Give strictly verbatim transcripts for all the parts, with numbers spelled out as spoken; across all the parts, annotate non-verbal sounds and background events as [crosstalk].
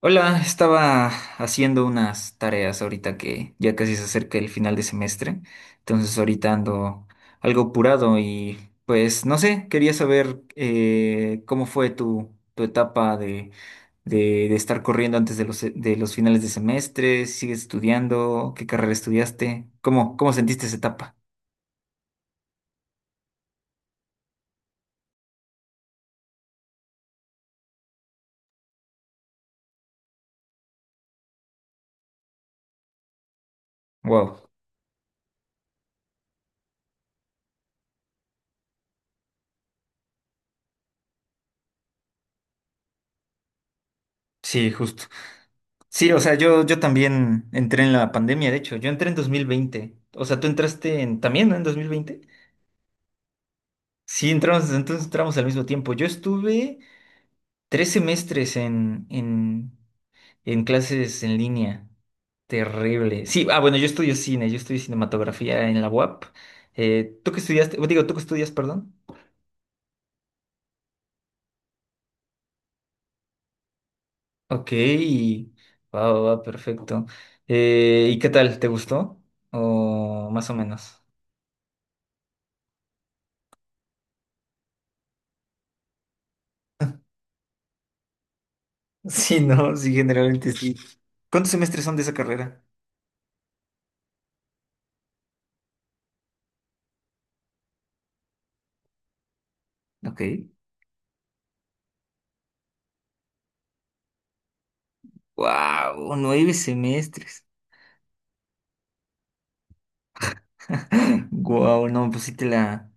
Hola, estaba haciendo unas tareas ahorita que ya casi se acerca el final de semestre, entonces ahorita ando algo apurado y pues no sé, quería saber eh, cómo fue tu, tu etapa de, de, de estar corriendo antes de los, de los finales de semestre, si sigues estudiando, qué carrera estudiaste, cómo, cómo sentiste esa etapa. Wow, sí, justo. Sí, o sea, yo, yo también entré en la pandemia, de hecho, yo entré en dos mil veinte, o sea, ¿tú entraste en, también, ¿no? en dos mil veinte? Sí, entramos, entonces entramos al mismo tiempo. Yo estuve tres semestres en, en, en clases en línea. Terrible. Sí, ah, bueno, yo estudio cine, yo estudio cinematografía en la U A P. Eh, ¿tú qué estudiaste? Bueno, digo, ¿tú qué estudias, perdón? Ok, va, va, va, perfecto. Eh, ¿y qué tal? ¿Te gustó? O más o menos. [laughs] Sí, no, sí, generalmente sí. ¿Cuántos semestres son de esa carrera? Ok. Wow, nueve semestres. [laughs] Wow, no, pues sí te la,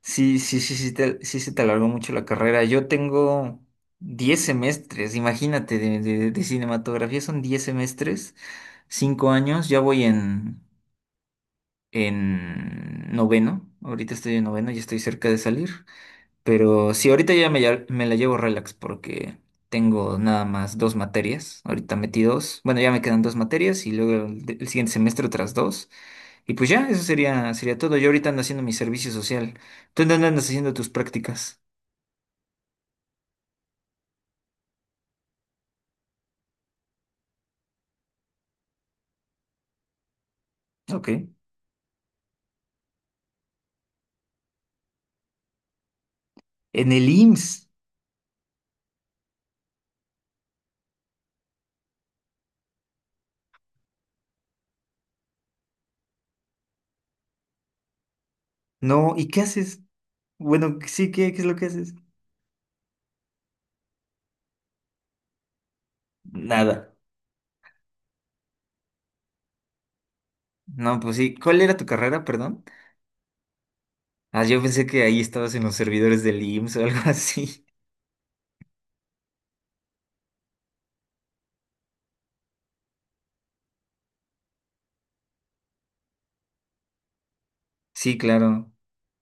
sí, sí, sí, sí, te- sí se te alargó mucho la carrera. Yo tengo diez semestres, imagínate, de, de- de cinematografía son diez semestres, cinco años, ya voy en, en noveno, ahorita estoy en noveno, ya estoy cerca de salir, pero sí, ahorita ya me, ya- me la llevo relax porque tengo nada más dos materias, ahorita metí dos, bueno, ya me quedan dos materias y luego el, el siguiente semestre otras dos. Y pues ya, eso sería, sería todo. Yo ahorita ando haciendo mi servicio social. ¿Tú en dónde andas haciendo tus prácticas? Ok. En el I M S S. No, ¿y qué haces? Bueno, sí, ¿qué, qué es lo que haces? Nada. No, pues sí. ¿Cuál era tu carrera, perdón? Ah, yo pensé que ahí estabas en los servidores del I M S S o algo [laughs] así. Sí, claro.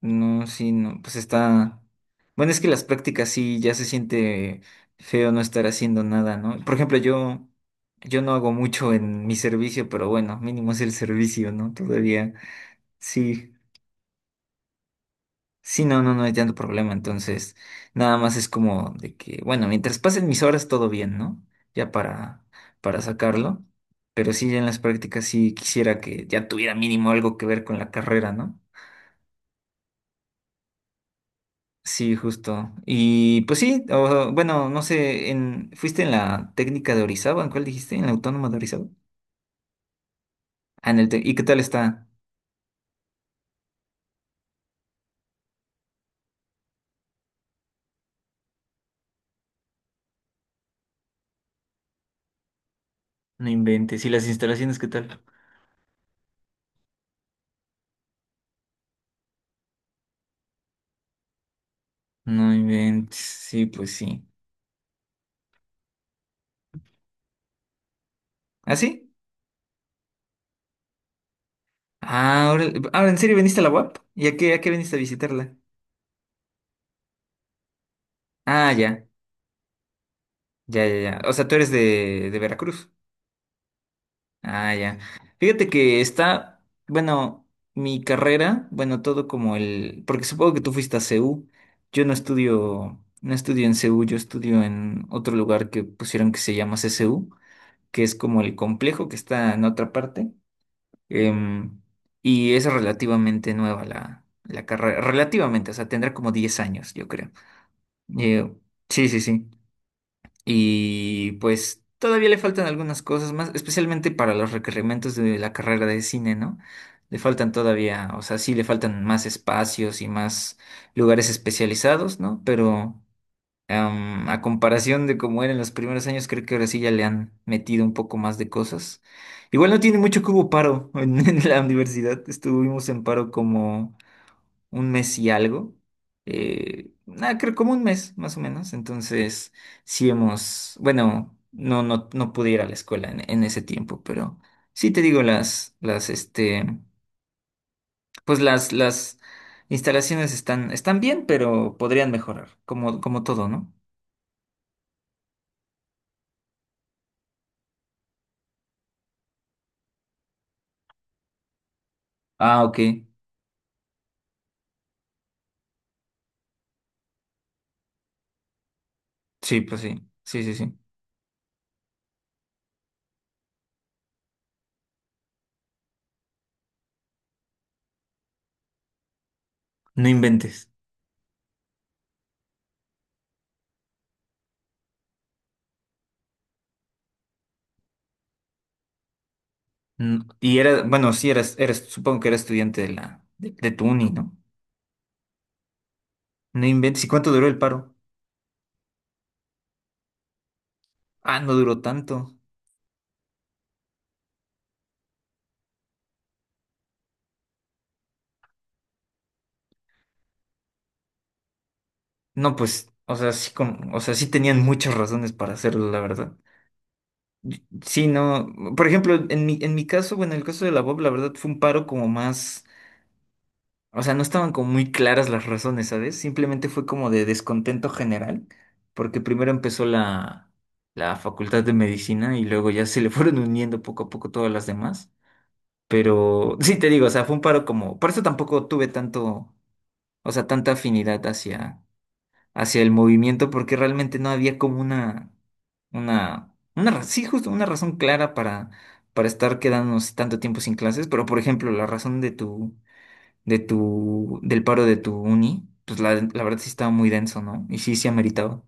No, sí, no. Pues está. Bueno, es que las prácticas sí ya se siente feo no estar haciendo nada, ¿no? Por ejemplo, yo, yo no hago mucho en mi servicio, pero bueno, mínimo es el servicio, ¿no? Todavía. Sí. Sí, no, no, no hay tanto problema. Entonces, nada más es como de que, bueno, mientras pasen mis horas, todo bien, ¿no? Ya para, para sacarlo. Pero sí, ya en las prácticas sí quisiera que ya tuviera mínimo algo que ver con la carrera, ¿no? Sí, justo. Y pues sí, o- bueno, no sé, en, ¿fuiste en la técnica de Orizaba? ¿En cuál dijiste? ¿En la autónoma de Orizaba? Ah, en el te- ¿Y qué tal está? No inventes. ¿Y las instalaciones qué tal? No inventes. Sí, pues sí. ¿Ah, sí? Ah, ahora, ahora, ¿en serio veniste a la U A P? ¿Y a qué, a qué viniste a visitarla? Ah, ya, ya, ya, ya. O sea, tú eres de, de Veracruz. Ah, ya. Fíjate que está, bueno, mi carrera, bueno, todo como el, porque supongo que tú fuiste a C U. Yo no estudio, no estudio en C U, yo estudio en otro lugar que pusieron que se llama C C U, que es como el complejo que está en otra parte. Em, y es relativamente nueva la, la carrera, relativamente, o sea, tendrá como diez años, yo creo. Eh, sí, sí, sí. Y pues todavía le faltan algunas cosas más, especialmente para los requerimientos de la carrera de cine, ¿no? Le faltan todavía, o sea, sí le faltan más espacios y más lugares especializados, ¿no? Pero em, a comparación de cómo era en los primeros años, creo que ahora sí ya le han metido un poco más de cosas. Igual no tiene mucho que hubo paro en, [laughs] en la universidad, estuvimos en paro como un mes y algo. Eh, nada, creo como un mes más o menos. Entonces, sí hemos, bueno, no, no, no pude ir a la escuela en, en ese tiempo, pero sí te digo, las, las, este, pues las, las instalaciones están, están bien, pero podrían mejorar, como, como todo, ¿no? Ah, ok. Sí, pues sí, sí, sí, sí. No inventes. Mm, Y era, bueno, sí, eras, eras, supongo que era estudiante de la, de, de tu uni, ¿no? No inventes. ¿Y cuánto duró el paro? Ah, no duró tanto. No, pues, o sea, sí, con- o sea, sí tenían muchas razones para hacerlo, la verdad. Y- sí, no, por ejemplo, en mi, en mi caso, bueno, en el caso de la Bob, la verdad fue un paro como más, o sea, no estaban como muy claras las razones, ¿sabes? Simplemente fue como de descontento general, porque primero empezó la, la Facultad de Medicina y luego ya se le [laughs] fueron uniendo poco a poco todas las demás. Pero sí te digo, o sea, fue un paro como, por eso tampoco tuve tanto, o sea, tanta afinidad hacia hacia el movimiento porque realmente no había como una, una, una, ra- sí, justo una razón clara para, para estar quedándonos tanto tiempo sin clases, pero por ejemplo, la razón de tu, de tu, del paro de tu uni, pues la, la verdad sí estaba muy denso, ¿no? Y sí, sí ameritaba.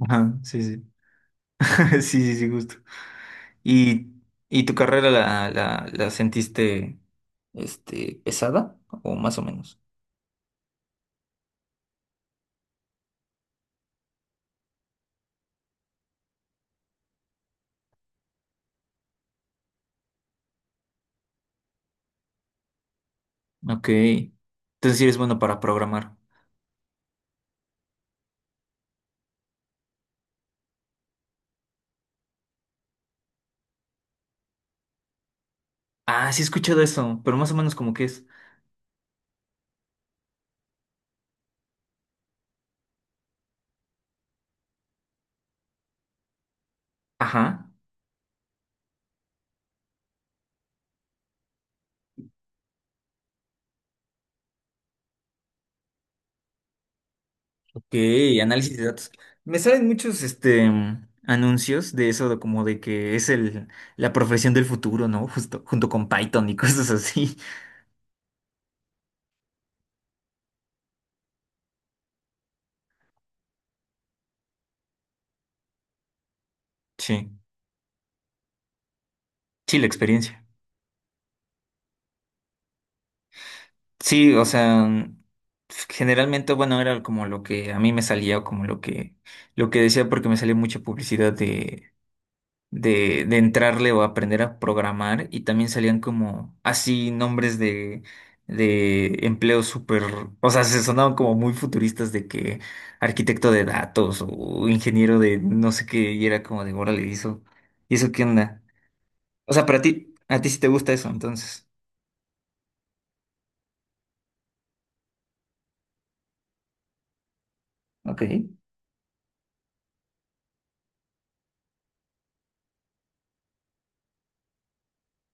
Ajá, sí, sí. [laughs] Sí, sí, sí, justo. ¿Y, y tu carrera la, la, la sentiste, este, pesada o más o menos? Ok. Entonces sí eres bueno para programar. Ah, sí he escuchado eso, pero más o menos como que es. Ajá, ok, análisis de datos. Me salen muchos este mm, anuncios de eso, de como de que es el la profesión del futuro, ¿no? Justo junto con Python y [laughs] cosas así. Sí, sí, la experiencia. Sí, o sea, mm, generalmente, bueno, era como lo que a mí me salía o como lo que lo que decía porque me salía mucha publicidad de de, de entrarle o aprender a programar y también salían como así nombres de, de empleos súper, o sea, se sonaban como muy futuristas de que arquitecto de datos o ingeniero de no sé qué y era como de, órale, ¿y eso, ¿y eso qué onda? O sea, para ti, a ti sí te gusta eso, entonces. Ok.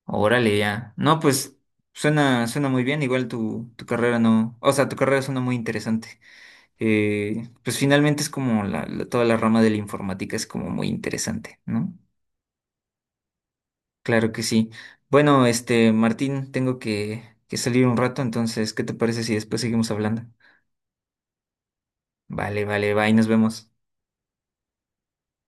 Órale, ya. No, pues suena, suena muy bien, igual tu, tu carrera no, o sea, tu carrera suena muy interesante. Eh, pues finalmente es como la, la- toda la rama de la informática es como muy interesante, ¿no? Claro que sí. Bueno, este, Martín, tengo que, que salir un rato, entonces, ¿qué te parece si después seguimos hablando? Vale, vale, bye, nos vemos.